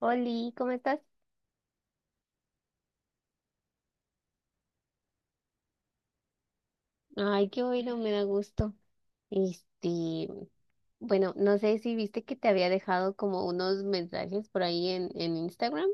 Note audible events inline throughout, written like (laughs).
Oli, ¿cómo estás? Ay, qué bueno, me da gusto. Este, bueno, no sé si viste que te había dejado como unos mensajes por ahí en Instagram.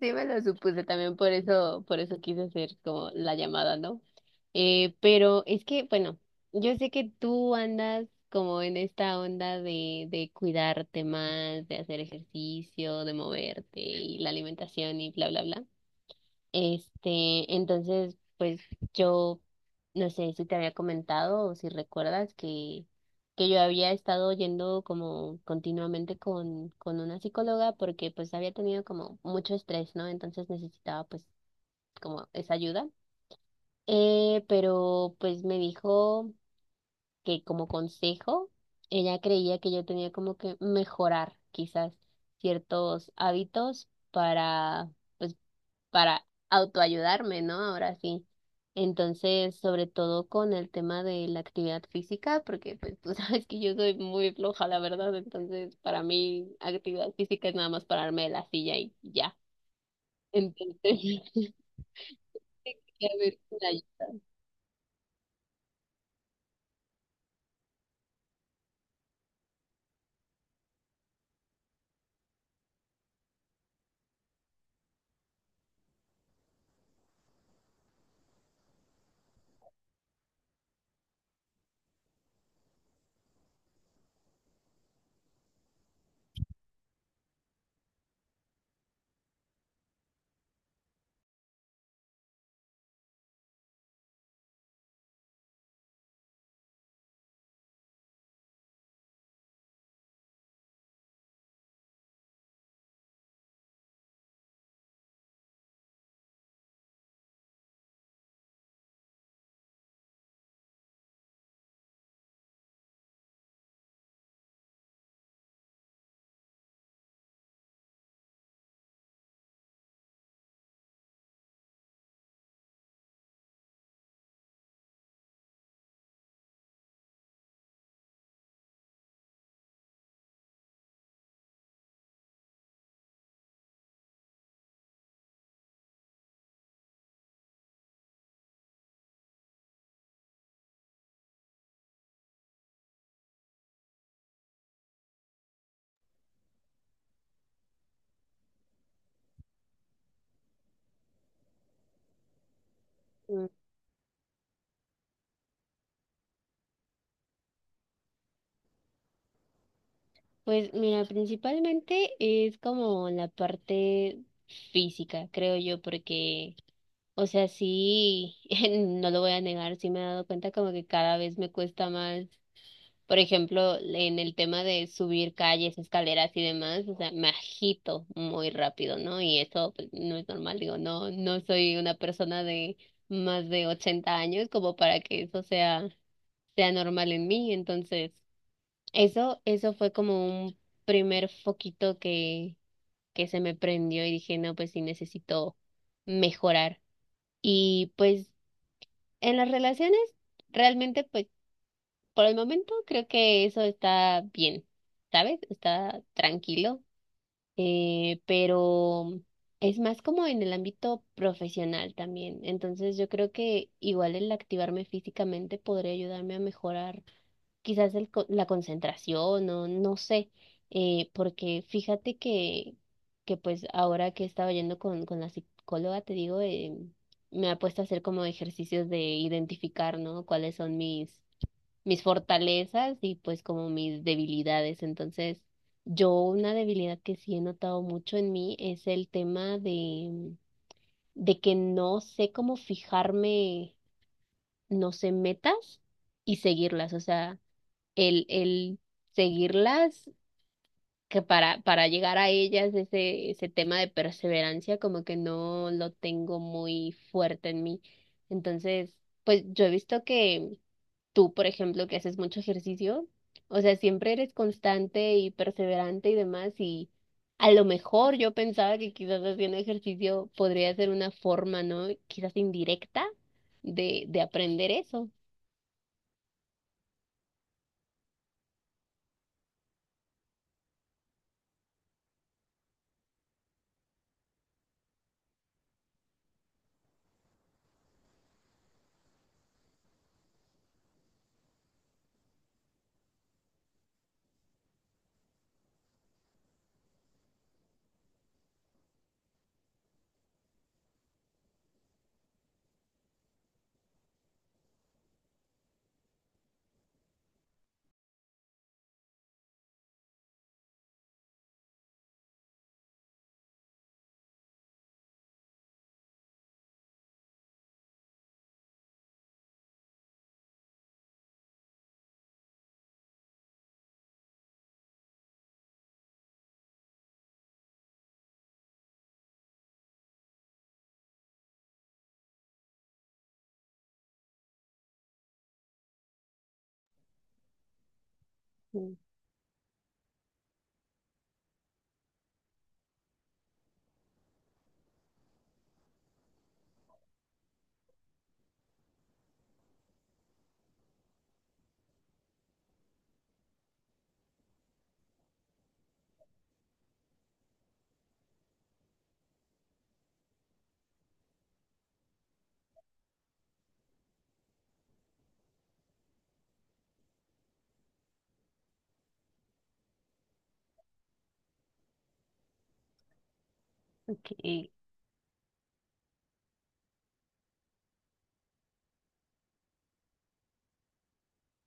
Sí, me lo supuse también, por eso quise hacer como la llamada, ¿no? Pero es que, bueno, yo sé que tú andas como en esta onda de cuidarte más, de hacer ejercicio, de moverte y la alimentación y bla, bla, bla. Entonces, pues yo no sé si te había comentado o si recuerdas que yo había estado yendo como continuamente con una psicóloga porque pues había tenido como mucho estrés, ¿no? Entonces necesitaba pues como esa ayuda. Pero pues me dijo que como consejo, ella creía que yo tenía como que mejorar quizás ciertos hábitos para pues para autoayudarme, ¿no? Ahora sí. Entonces, sobre todo con el tema de la actividad física, porque pues tú (laughs) sabes que yo soy muy floja, la verdad, entonces para mí actividad física es nada más pararme de la silla y ya. Entonces, (laughs) a ver si me ayudas. Mm. Pues mira, principalmente es como la parte física, creo yo, porque, o sea, sí, (laughs) no lo voy a negar, sí me he dado cuenta como que cada vez me cuesta más. Por ejemplo, en el tema de subir calles, escaleras y demás, o sea, me agito muy rápido, ¿no? Y eso pues, no es normal, digo, no, no soy una persona de más de 80 años como para que sea normal en mí. Entonces, eso fue como un primer foquito que se me prendió y dije, no, pues sí necesito mejorar. Y pues en las relaciones, realmente, pues por el momento creo que eso está bien, ¿sabes? Está tranquilo, pero es más como en el ámbito profesional también. Entonces yo creo que igual el activarme físicamente podría ayudarme a mejorar quizás la concentración o no sé, porque fíjate que pues ahora que he estado yendo con la psicóloga, te digo, me ha puesto a hacer como ejercicios de identificar, ¿no? ¿Cuáles son mis fortalezas y pues como mis debilidades? Entonces, yo una debilidad que sí he notado mucho en mí es el tema de que no sé cómo fijarme, no sé, metas y seguirlas. O sea, el seguirlas, que para llegar a ellas, ese tema de perseverancia, como que no lo tengo muy fuerte en mí. Entonces, pues yo he visto que tú, por ejemplo, que haces mucho ejercicio, o sea, siempre eres constante y perseverante y demás, y a lo mejor yo pensaba que quizás haciendo ejercicio podría ser una forma, ¿no? Quizás indirecta de aprender eso. Mm, okay,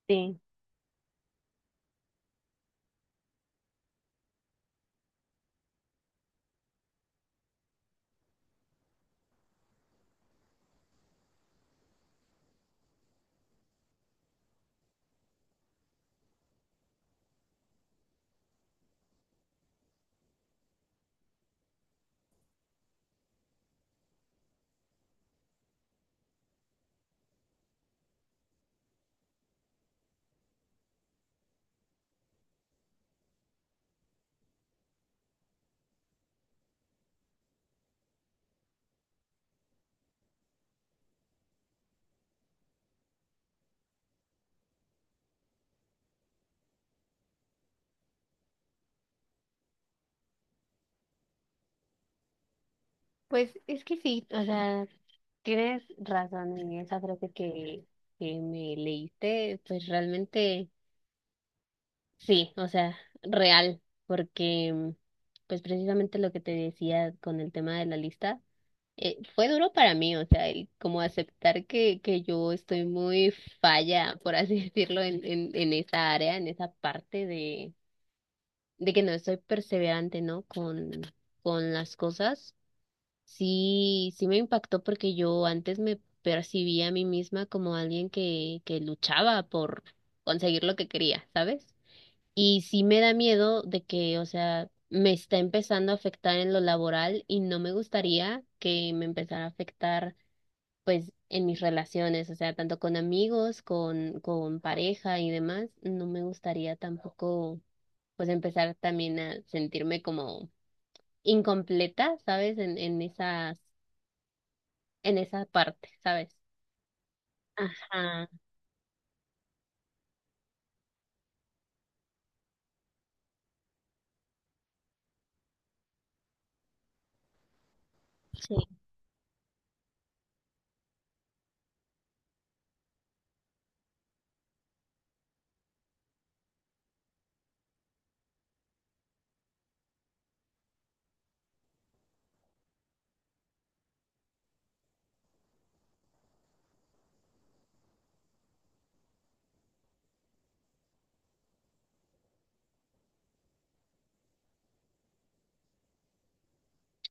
sí. Pues es que sí, o sea, tienes razón en esa frase que me leíste, pues realmente. Sí, o sea, real, porque pues precisamente lo que te decía con el tema de la lista, fue duro para mí, o sea, el como aceptar que yo estoy muy falla, por así (laughs) decirlo, en esa área, en esa parte de que no estoy perseverante, ¿no? Con las cosas. Sí, sí me impactó porque yo antes me percibía a mí misma como alguien que luchaba por conseguir lo que quería, ¿sabes? Y sí me da miedo de que, o sea, me está empezando a afectar en lo laboral y no me gustaría que me empezara a afectar, pues, en mis relaciones, o sea, tanto con amigos, con pareja y demás. No me gustaría tampoco, pues, empezar también a sentirme como incompleta, ¿sabes? En esa parte, ¿sabes? Ajá, sí.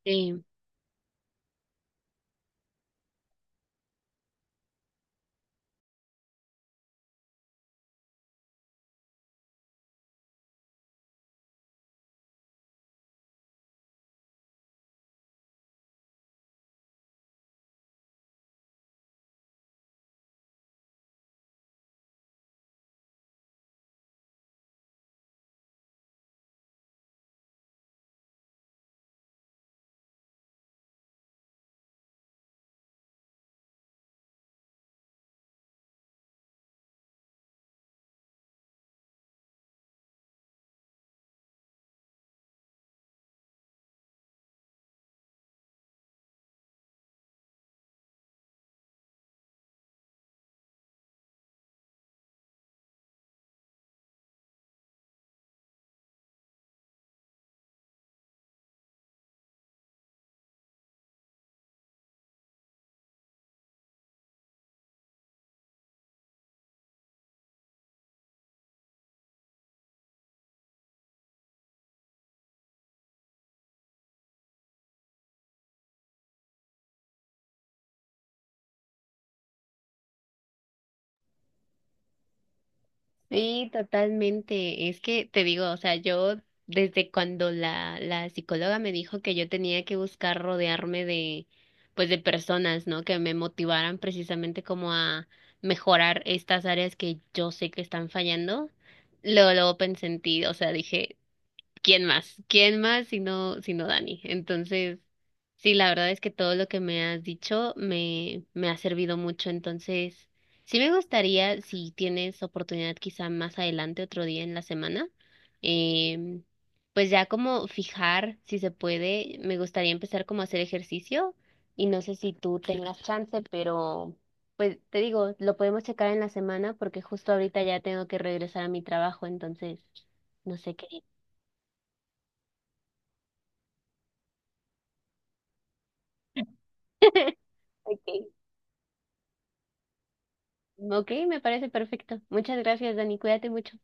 Sí. Sí, totalmente. Es que te digo, o sea, yo desde cuando la psicóloga me dijo que yo tenía que buscar rodearme de, pues de personas, ¿no? Que me motivaran precisamente como a mejorar estas áreas que yo sé que están fallando. Luego, luego pensé en ti, o sea, dije, ¿quién más? ¿Quién más si no, si no Dani? Entonces, sí, la verdad es que todo lo que me has dicho me, me ha servido mucho. Entonces, sí me gustaría, si tienes oportunidad quizá más adelante, otro día en la semana, em, pues ya como fijar, si se puede, me gustaría empezar como a hacer ejercicio y no sé si tú tengas chance, pero pues te digo, lo podemos checar en la semana porque justo ahorita ya tengo que regresar a mi trabajo, entonces, no sé qué. (laughs) Ok, ok, me parece perfecto. Muchas gracias, Dani. Cuídate mucho.